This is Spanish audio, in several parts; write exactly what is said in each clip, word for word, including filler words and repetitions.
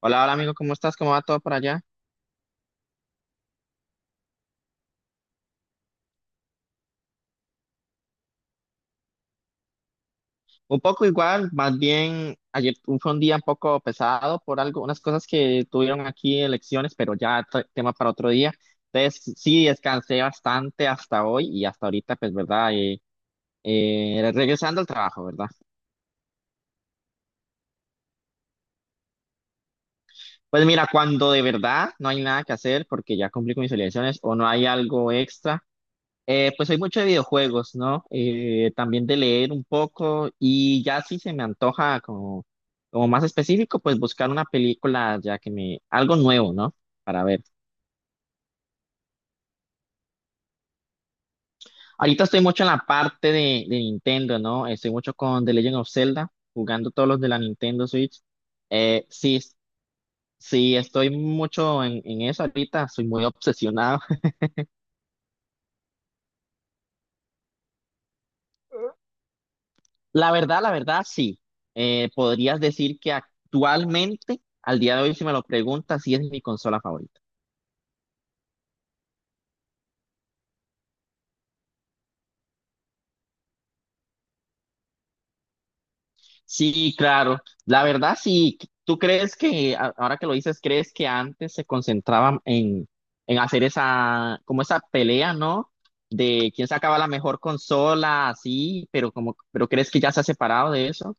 Hola, hola amigo, ¿cómo estás? ¿Cómo va todo por allá? Un poco igual, más bien ayer tu- fue un día un poco pesado por algo, unas cosas que tuvieron aquí elecciones, pero ya t- tema para otro día. Entonces sí, descansé bastante hasta hoy y hasta ahorita, pues, ¿verdad? Eh, eh, regresando al trabajo, ¿verdad? Pues mira, cuando de verdad no hay nada que hacer porque ya cumplí con mis obligaciones o no hay algo extra, Eh, pues soy mucho de videojuegos, ¿no? Eh, también de leer un poco y ya si se me antoja como, como más específico, pues buscar una película ya que me, algo nuevo, ¿no? Para ver. Ahorita estoy mucho en la parte de, de Nintendo, ¿no? Estoy mucho con The Legend of Zelda, jugando todos los de la Nintendo Switch. Eh, sí, sí, estoy mucho en, en eso ahorita, soy muy obsesionado. La verdad, la verdad, sí. Eh, podrías decir que actualmente, al día de hoy, si me lo preguntas, sí es mi consola favorita. Sí, claro. La verdad, sí. ¿Tú crees que, a- ahora que lo dices, crees que antes se concentraban en, en hacer esa, como esa pelea, ¿no? ¿De quién sacaba la mejor consola, así, pero como, pero crees que ya se ha separado de eso?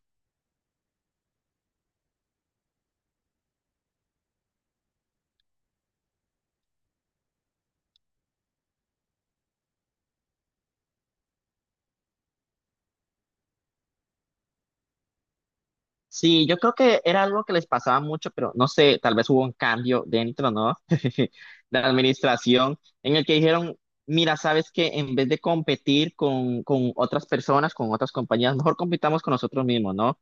Sí, yo creo que era algo que les pasaba mucho, pero no sé, tal vez hubo un cambio dentro, ¿no? De la administración, en el que dijeron, mira, sabes que en vez de competir con, con otras personas, con otras compañías, mejor compitamos con nosotros mismos, ¿no?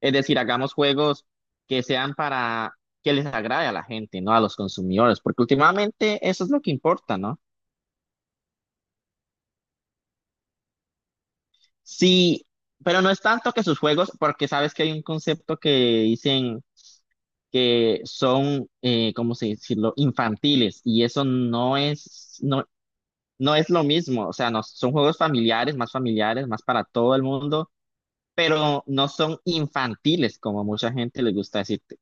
Es decir, hagamos juegos que sean para que les agrade a la gente, ¿no? A los consumidores, porque últimamente eso es lo que importa, ¿no? Sí, pero no es tanto que sus juegos, porque sabes que hay un concepto que dicen que son, eh, ¿cómo se decirlo?, infantiles y eso no es, no, no es lo mismo, o sea, no, son juegos familiares, más familiares, más para todo el mundo, pero no son infantiles como mucha gente les gusta decirte.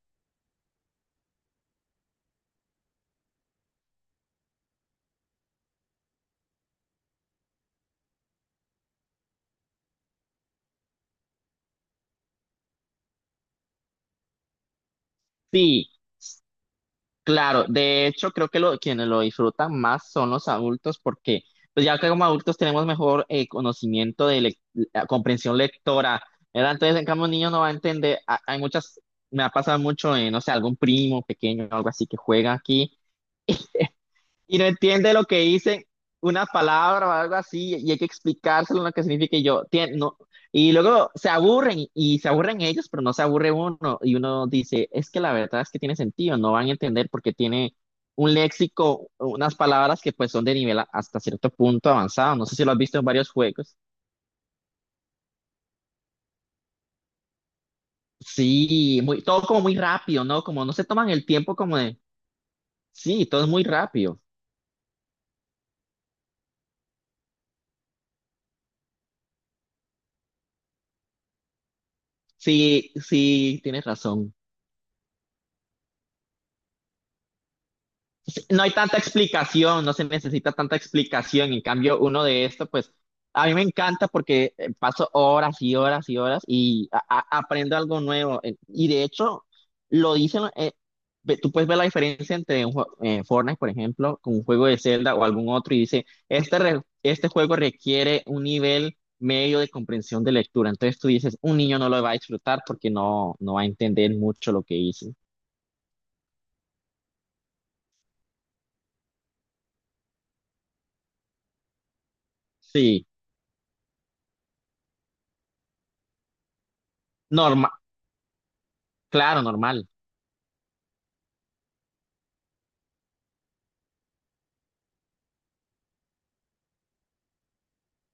Sí, claro, de hecho creo que lo, quienes lo disfrutan más son los adultos porque pues ya que como adultos tenemos mejor eh, conocimiento de lec- la comprensión lectora, ¿verdad? Entonces en cambio un niño no va a entender, ha- hay muchas, me ha pasado mucho en, no sé, algún primo pequeño o algo así que juega aquí y no entiende lo que dice una palabra o algo así y hay que explicárselo lo que significa y yo, tien- no. Y luego se aburren y y se aburren ellos, pero no se aburre uno y uno dice, es que la verdad es que tiene sentido, no van a entender porque tiene un léxico, unas palabras que pues son de nivel a- hasta cierto punto avanzado. No sé si lo has visto en varios juegos. Sí, muy, todo como muy rápido, ¿no? Como no se toman el tiempo como de, sí, todo es muy rápido. Sí, sí, tienes razón. No hay tanta explicación, no se necesita tanta explicación. En cambio, uno de esto pues, a mí me encanta porque eh, paso horas y horas y horas y a- a- aprendo algo nuevo. Eh, Y de hecho, lo dicen, eh, ve- tú puedes ver la diferencia entre un jue- eh, Fortnite, por ejemplo, con un juego de Zelda o algún otro y dice, este, re- este juego requiere un nivel medio de comprensión de lectura. Entonces tú dices, un niño no lo va a disfrutar porque no, no va a entender mucho lo que hizo. Sí, normal, claro, normal.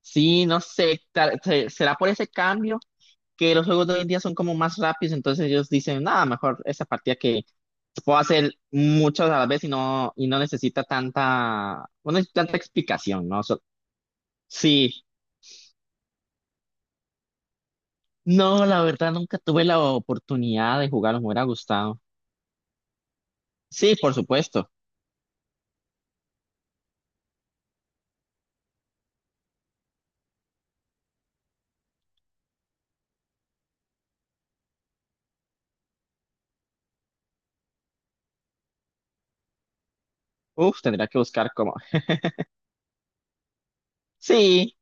Sí, no sé, tal- se- será por ese cambio que los juegos de hoy en día son como más rápidos, entonces ellos dicen, nada, mejor esa partida que puedo hacer muchas a la vez y no, y no necesita tanta, no necesita tanta explicación, ¿no? So- sí, no, la verdad nunca tuve la oportunidad de jugarlos, me hubiera gustado. Sí, por supuesto. Uf, tendría que buscar cómo. Sí,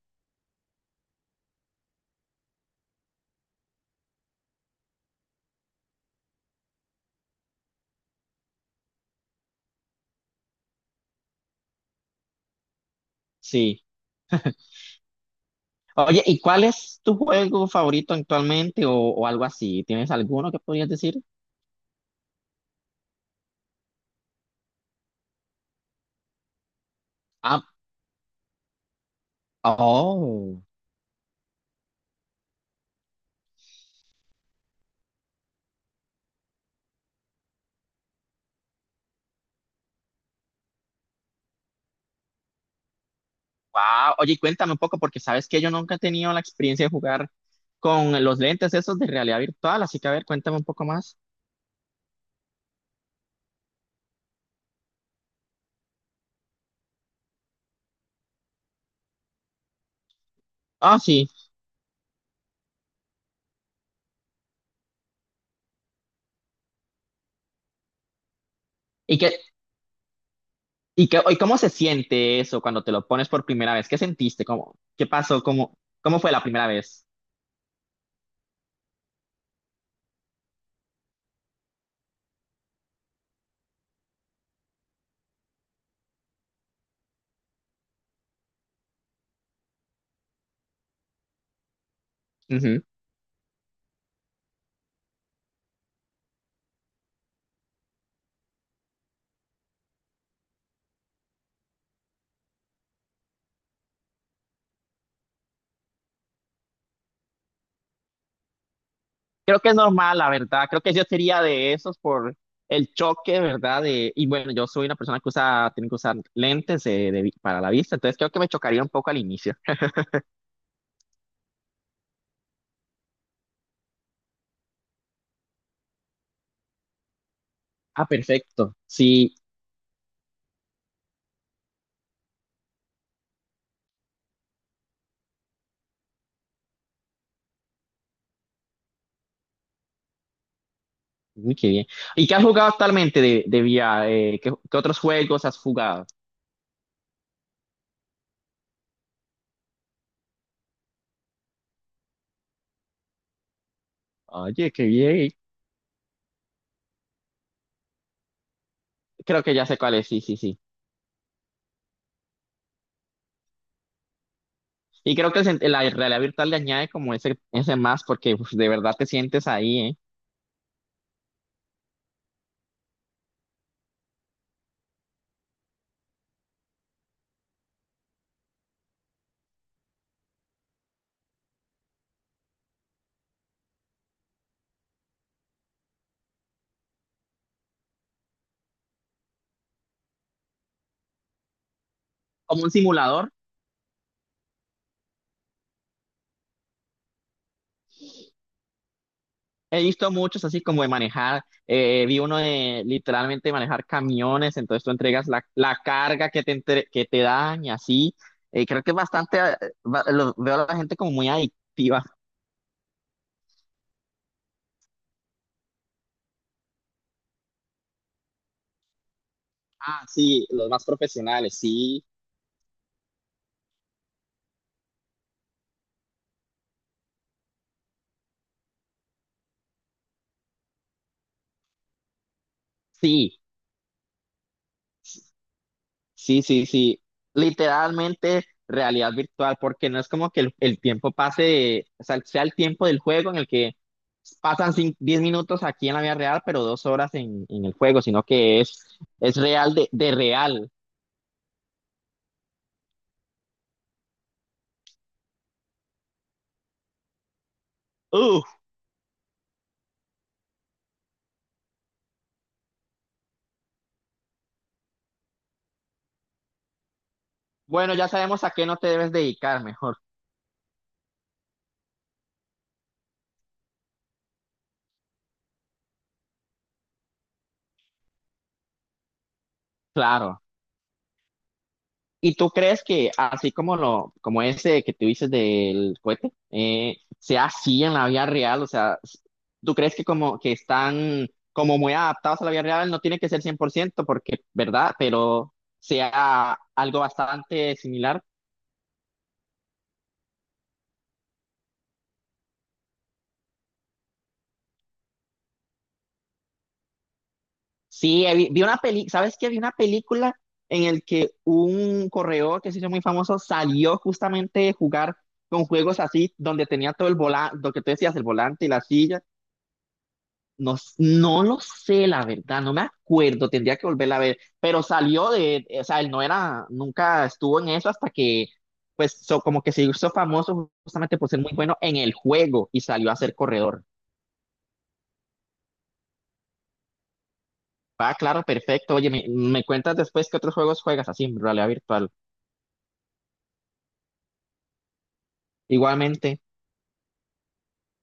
sí. Oye, ¿y cuál es tu juego favorito actualmente o, o algo así? ¿Tienes alguno que podrías decir? Ah, oh. Wow, oye, y cuéntame un poco, porque sabes que yo nunca he tenido la experiencia de jugar con los lentes esos de realidad virtual, así que a ver, cuéntame un poco más. Ah, sí. ¿Y qué, y qué, y cómo se siente eso cuando te lo pones por primera vez? ¿Qué sentiste? ¿Cómo, qué pasó? ¿Cómo, cómo fue la primera vez? Ujú. Creo que es normal, la verdad. Creo que yo sería de esos por el choque, ¿verdad? De, y bueno, yo soy una persona que usa, tiene que usar lentes de- de vi- para la vista, entonces creo que me chocaría un poco al inicio. Ah, perfecto. Sí, uy, qué bien. ¿Y qué has jugado actualmente de, de V R? Eh, ¿qué, qué otros juegos has jugado? Oye, qué bien. Creo que ya sé cuál es, sí, sí, sí. Y creo que el sen- la realidad virtual le añade como ese, ese más porque uf, de verdad te sientes ahí, ¿eh? Como un simulador. He visto muchos así como de manejar, eh, vi uno de literalmente manejar camiones, entonces tú entregas la, la carga que te, entre- que te dan y así. Eh, creo que es bastante, eh, va- lo- veo a la gente como muy adictiva. Ah, sí, los más profesionales, sí. Sí, sí, sí, sí. Literalmente realidad virtual, porque no es como que el, el tiempo pase, de- o sea, sea el tiempo del juego en el que pasan cin- diez minutos aquí en la vida real, pero dos horas en, en el juego, sino que es, es real de, de real. Uf, bueno, ya sabemos a qué no te debes dedicar, mejor, claro. ¿Y tú crees que así como lo, como ese que tú dices del cohete, eh, sea así en la vida real? O sea, s- ¿tú crees que como que están como muy adaptados a la vida real? No tiene que ser cien por ciento porque, ¿verdad? Pero sea algo bastante similar. Sí, he vi, vi una peli, ¿sabes qué? Vi una película en el que un corredor que se hizo muy famoso salió justamente de jugar con juegos así, donde tenía todo el volante, lo que tú decías, el volante y la silla. No, s- no lo sé, la verdad, no me acuerdo, tendría que volverla a ver, pero salió de, eh, o sea, él no era, nunca estuvo en eso hasta que, pues, so- como que se hizo famoso justamente por ser muy bueno en el juego y salió a ser corredor. Va, claro, perfecto. Oye, me, me cuentas después qué otros juegos juegas así en realidad virtual. Igualmente.